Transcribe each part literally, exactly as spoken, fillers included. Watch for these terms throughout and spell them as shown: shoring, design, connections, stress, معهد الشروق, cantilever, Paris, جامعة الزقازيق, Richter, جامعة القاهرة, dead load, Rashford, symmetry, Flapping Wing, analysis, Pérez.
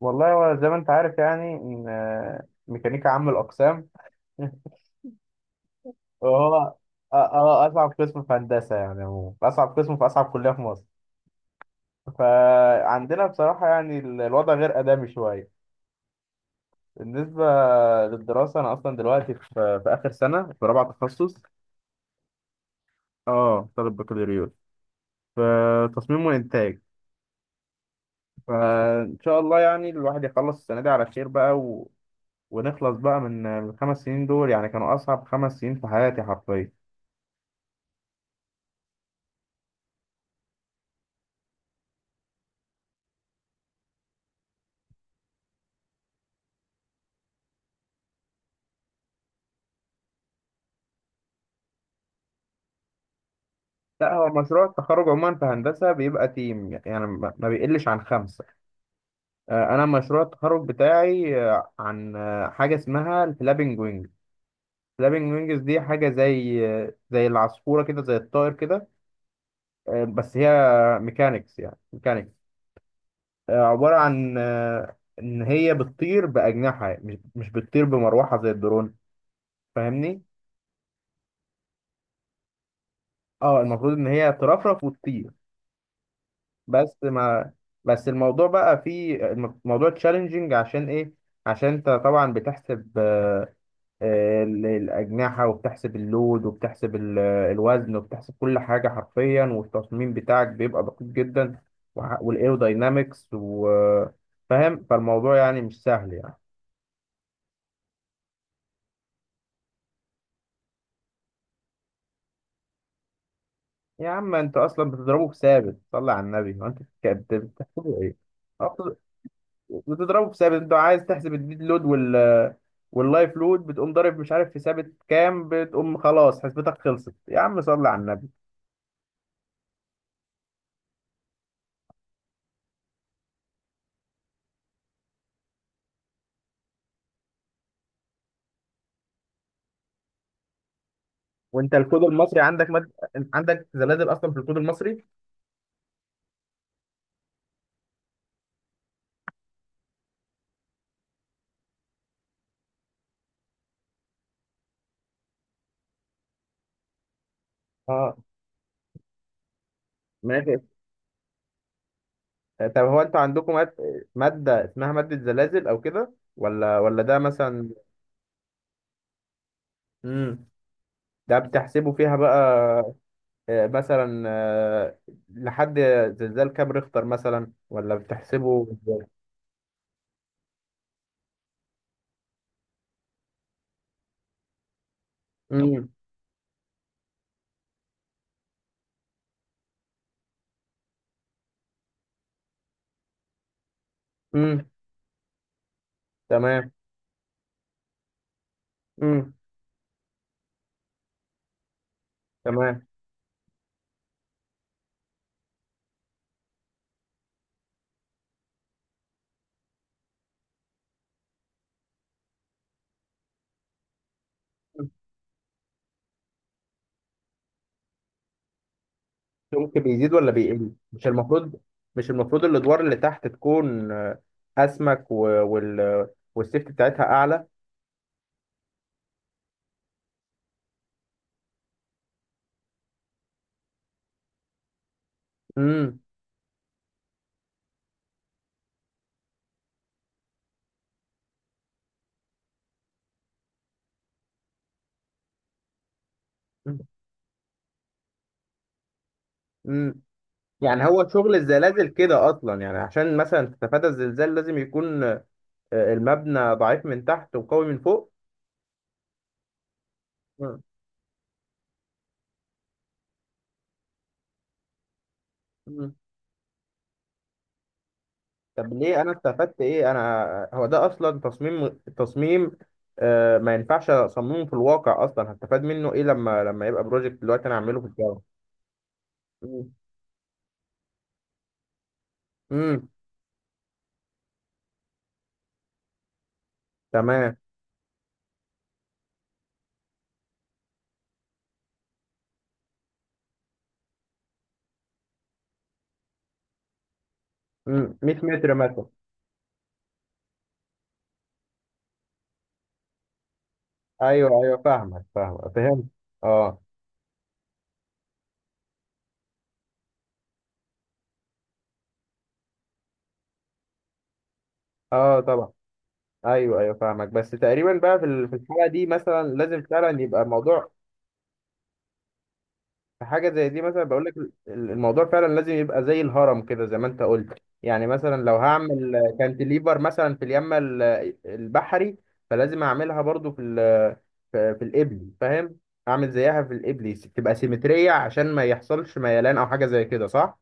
والله هو زي ما انت عارف يعني ان آه، ميكانيكا عام الاقسام وهو آه، آه، اصعب قسم في هندسه، يعني عموما اصعب قسم في اصعب كليه في مصر. فعندنا بصراحه يعني ال- الوضع غير ادمي شويه بالنسبه للدراسه. انا اصلا دلوقتي في, في اخر سنه، في رابعه تخصص. اه، طالب بكالوريوس في تصميم وانتاج. فان شاء الله يعني الواحد يخلص السنه دي على خير بقى، و... ونخلص بقى من من الخمس سنين دول. يعني كانوا اصعب خمس سنين في حياتي حرفيا. لا، هو مشروع التخرج عموما في هندسة بيبقى تيم، يعني ما ما بيقلش عن خمسة. آه، أنا مشروع التخرج بتاعي آه، عن آه، حاجة اسمها الفلابنج وينج. الفلابنج وينجز دي حاجة زي آه، زي العصفورة كده، زي الطائر كده. آه، بس هي ميكانيكس، يعني ميكانيكس. آه، عبارة عن آه، إن هي بتطير بأجنحة، مش مش بتطير بمروحة زي الدرون. فاهمني؟ اه، المفروض إن هي ترفرف وتطير. بس ما بس الموضوع بقى فيه موضوع تشالنجينج. عشان ايه؟ عشان انت طبعا بتحسب آه، آه، ال- الاجنحه، وبتحسب اللود، وبتحسب ال- الوزن، وبتحسب كل حاجه حرفيا، والتصميم بتاعك بيبقى دقيق جدا وع- والايروداينامكس وفاهم. فالموضوع يعني مش سهل يعني. يا عم انت اصلا بتضربه بثابت، صلي على النبي. هو انت بتك- بت- بتحسبه ايه؟ بتضربه في ثابت. انت عايز تحسب الديد لود وال واللايف لود، بتقوم ضارب مش عارف في ثابت كام، بتقوم خلاص حسبتك، خلصت يا عم، صلي على النبي. وانت الكود المصري عندك مد... عندك زلازل اصلا في الكود المصري؟ اه، ماشي. طب هو انتوا عندكم مد... مادة اسمها مادة زلازل او كده، ولا ولا ده مثلا؟ امم، ده بتحسبوا فيها بقى آه، مثلا آه، لحد زلزال كام ريختر مثلا، ولا بتحسبوا؟ امم. امم. تمام. تمام. السمك بيزيد ولا بيقل؟ مش المفروض؟ مش المفروض الادوار اللي تحت تكون آه، اسمك و... وال... والسيفت بتاعتها اعلى؟ امم. امم. يعني هو شغل الزلازل كده اصلا، يعني عشان مثلا تتفادى الزلزال لازم يكون آه، المبنى ضعيف من تحت وقوي من فوق. مم. مم. طب ليه؟ انا استفدت ايه؟ انا هو ده اصلا تصميم، تصميم آه، ما ينفعش اصممه في الواقع اصلا. هستفاد منه ايه لما لما يبقى بروجكت دلوقتي انا اعمله في الجامعه؟ امم. تمام. امم. مية متر مثلا. ايوه ايوه فاهمك، فاهمك، فهمت. اه. اه، طبعا. ايوه ايوه فاهمك، بس تقريبا بقى في ال- في الحاله دي مثلا لازم فعلا يبقى الموضوع في حاجه زي دي. مثلا بقول لك ال- الموضوع فعلا لازم يبقى زي الهرم كده، زي ما انت قلت. يعني مثلا لو هعمل كانتليفر مثلا في اليمن ال- البحري، فلازم اعملها برضو في ال في في القبلي، فاهم؟ اعمل زيها في القبلي تبقى سيمتريه عشان ما يحصلش ميلان او حاجه زي كده، صح؟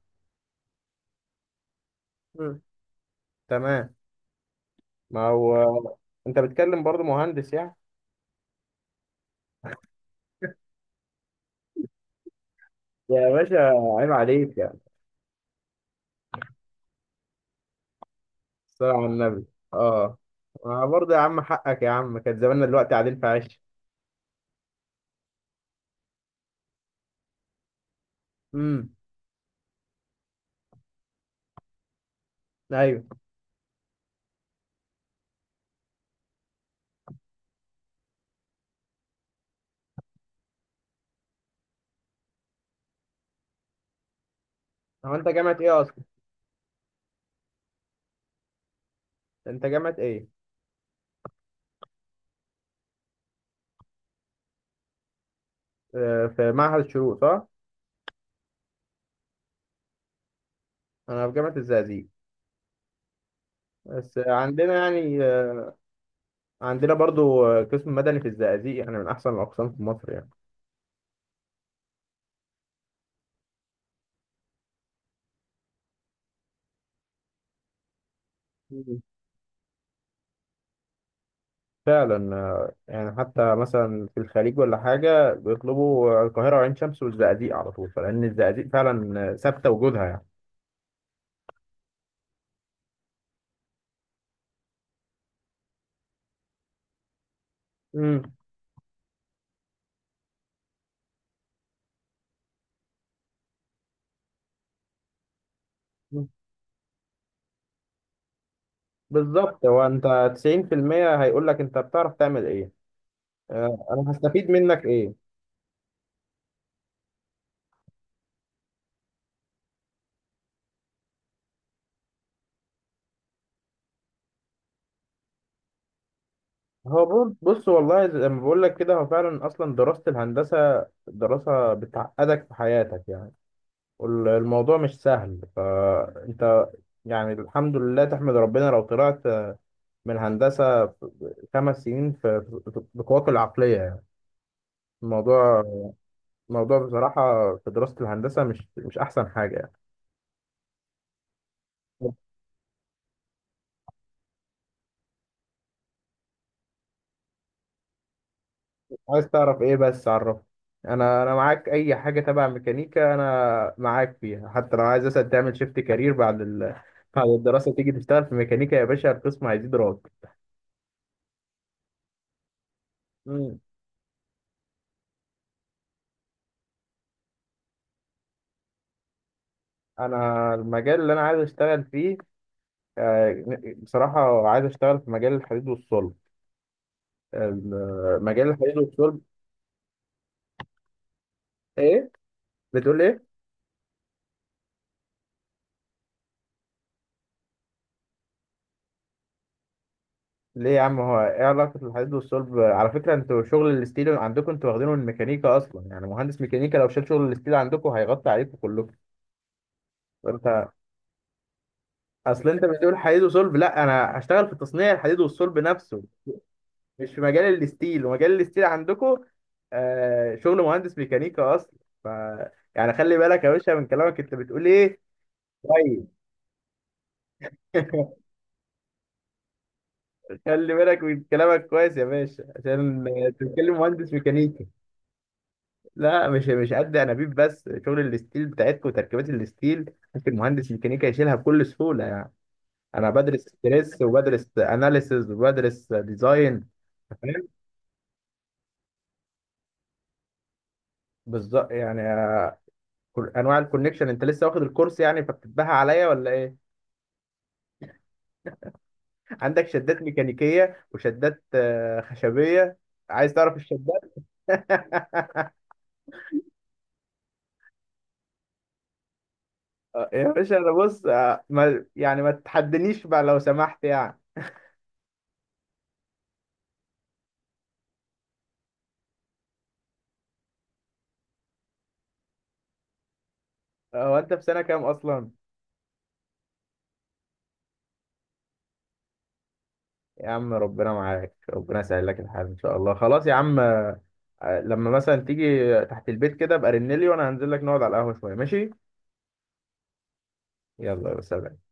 مم. تمام. ما هو انت بتكلم برضو مهندس يعني. يا باشا، عيب عليك يعني. الصلاة على النبي. اه، ما برضه يا عم حقك يا عم، كان زماننا دلوقتي قاعدين في عش. امم. ايوه. هو انت جامعة ايه اصلا؟ انت جامعة ايه؟ آه، في معهد الشروق، صح؟ انا في جامعة الزقازيق، بس عندنا يعني آه، عندنا برضو آه، قسم مدني في الزقازيق يعني من احسن الاقسام في مصر يعني، فعلا. آه، يعني حتى مثلا في الخليج ولا حاجة بيطلبوا القاهرة وعين شمس والزقازيق على طول، فلأن الزقازيق فعلا ثابتة وجودها يعني. امم. بالظبط. هو أنت تسعين في المية هيقول لك أنت بتعرف تعمل إيه، آه، أنا هستفيد منك إيه. هو بو- بص، والله زي ما بقول لك كده، هو فعلا أصلا دراسة الهندسة دراسة بتعقدك في حياتك يعني. والموضوع مش سهل، فأنت يعني الحمد لله، تحمد ربنا لو طلعت من الهندسة في خمس سنين في في- بقواك العقلية يعني. الموضوع، الموضوع بصراحة في دراسة الهندسة مش مش أحسن حاجة يعني. طب عايز تعرف إيه بس؟ عرف. أنا أنا معاك أي حاجة تبع ميكانيكا أنا معاك فيها، حتى لو عايز مثلا تعمل شيفت كارير بعد ال... بعد الدراسة تيجي تشتغل في ميكانيكا، يا باشا القسم هيزيد راتب. مم. أنا المجال اللي أنا عايز أشتغل فيه آه، بصراحة عايز أشتغل في مجال الحديد والصلب، ال- مجال الحديد والصلب. إيه؟ بتقول إيه؟ ليه يا عم؟ هو ايه علاقة الحديد والصلب؟ على فكرة انتوا شغل الستيل عندكم انتوا واخدينه من الميكانيكا اصلا، يعني مهندس ميكانيكا لو شال شغل الستيل عندكم هيغطي عليكم كلكم. فانت اصل انت بتقول حديد وصلب، لا انا هشتغل في تصنيع الحديد والصلب نفسه، مش في مجال الستيل. ومجال الستيل عندكم آه شغل مهندس ميكانيكا اصلا. ف يعني خلي بالك يا باشا من كلامك، انت بتقول ايه. كويس. خلي بالك من كلامك كويس يا باشا، عشان تتكلم مهندس ميكانيكا. لا مش، مش قد انابيب بس، شغل الستيل بتاعتكم وتركيبات الستيل ممكن مهندس ميكانيكا يشيلها بكل سهوله يعني. انا بدرس ستريس، وبدرس اناليسز، وبدرس ديزاين، فاهم؟ بالظبط، يعني آه، كل- انواع الكونكشن انت لسه واخد الكورس يعني، فبتتباهى عليا ولا ايه؟ عندك شدات ميكانيكيه وشدات آه، خشبيه. عايز تعرف الشدات؟ آه، يا باشا انا بص، آه، ما يعني ما تتحدنيش بقى لو سمحت يعني. هو انت في سنه كام اصلا؟ يا عم ربنا معاك، ربنا يسهل لك الحال ان شاء الله. خلاص يا عم، آه، لما مثلا تيجي تحت البيت كده ابقى رنلي وانا هنزل لك نقعد على القهوة شوية، ماشي؟ يلا، يا سلام.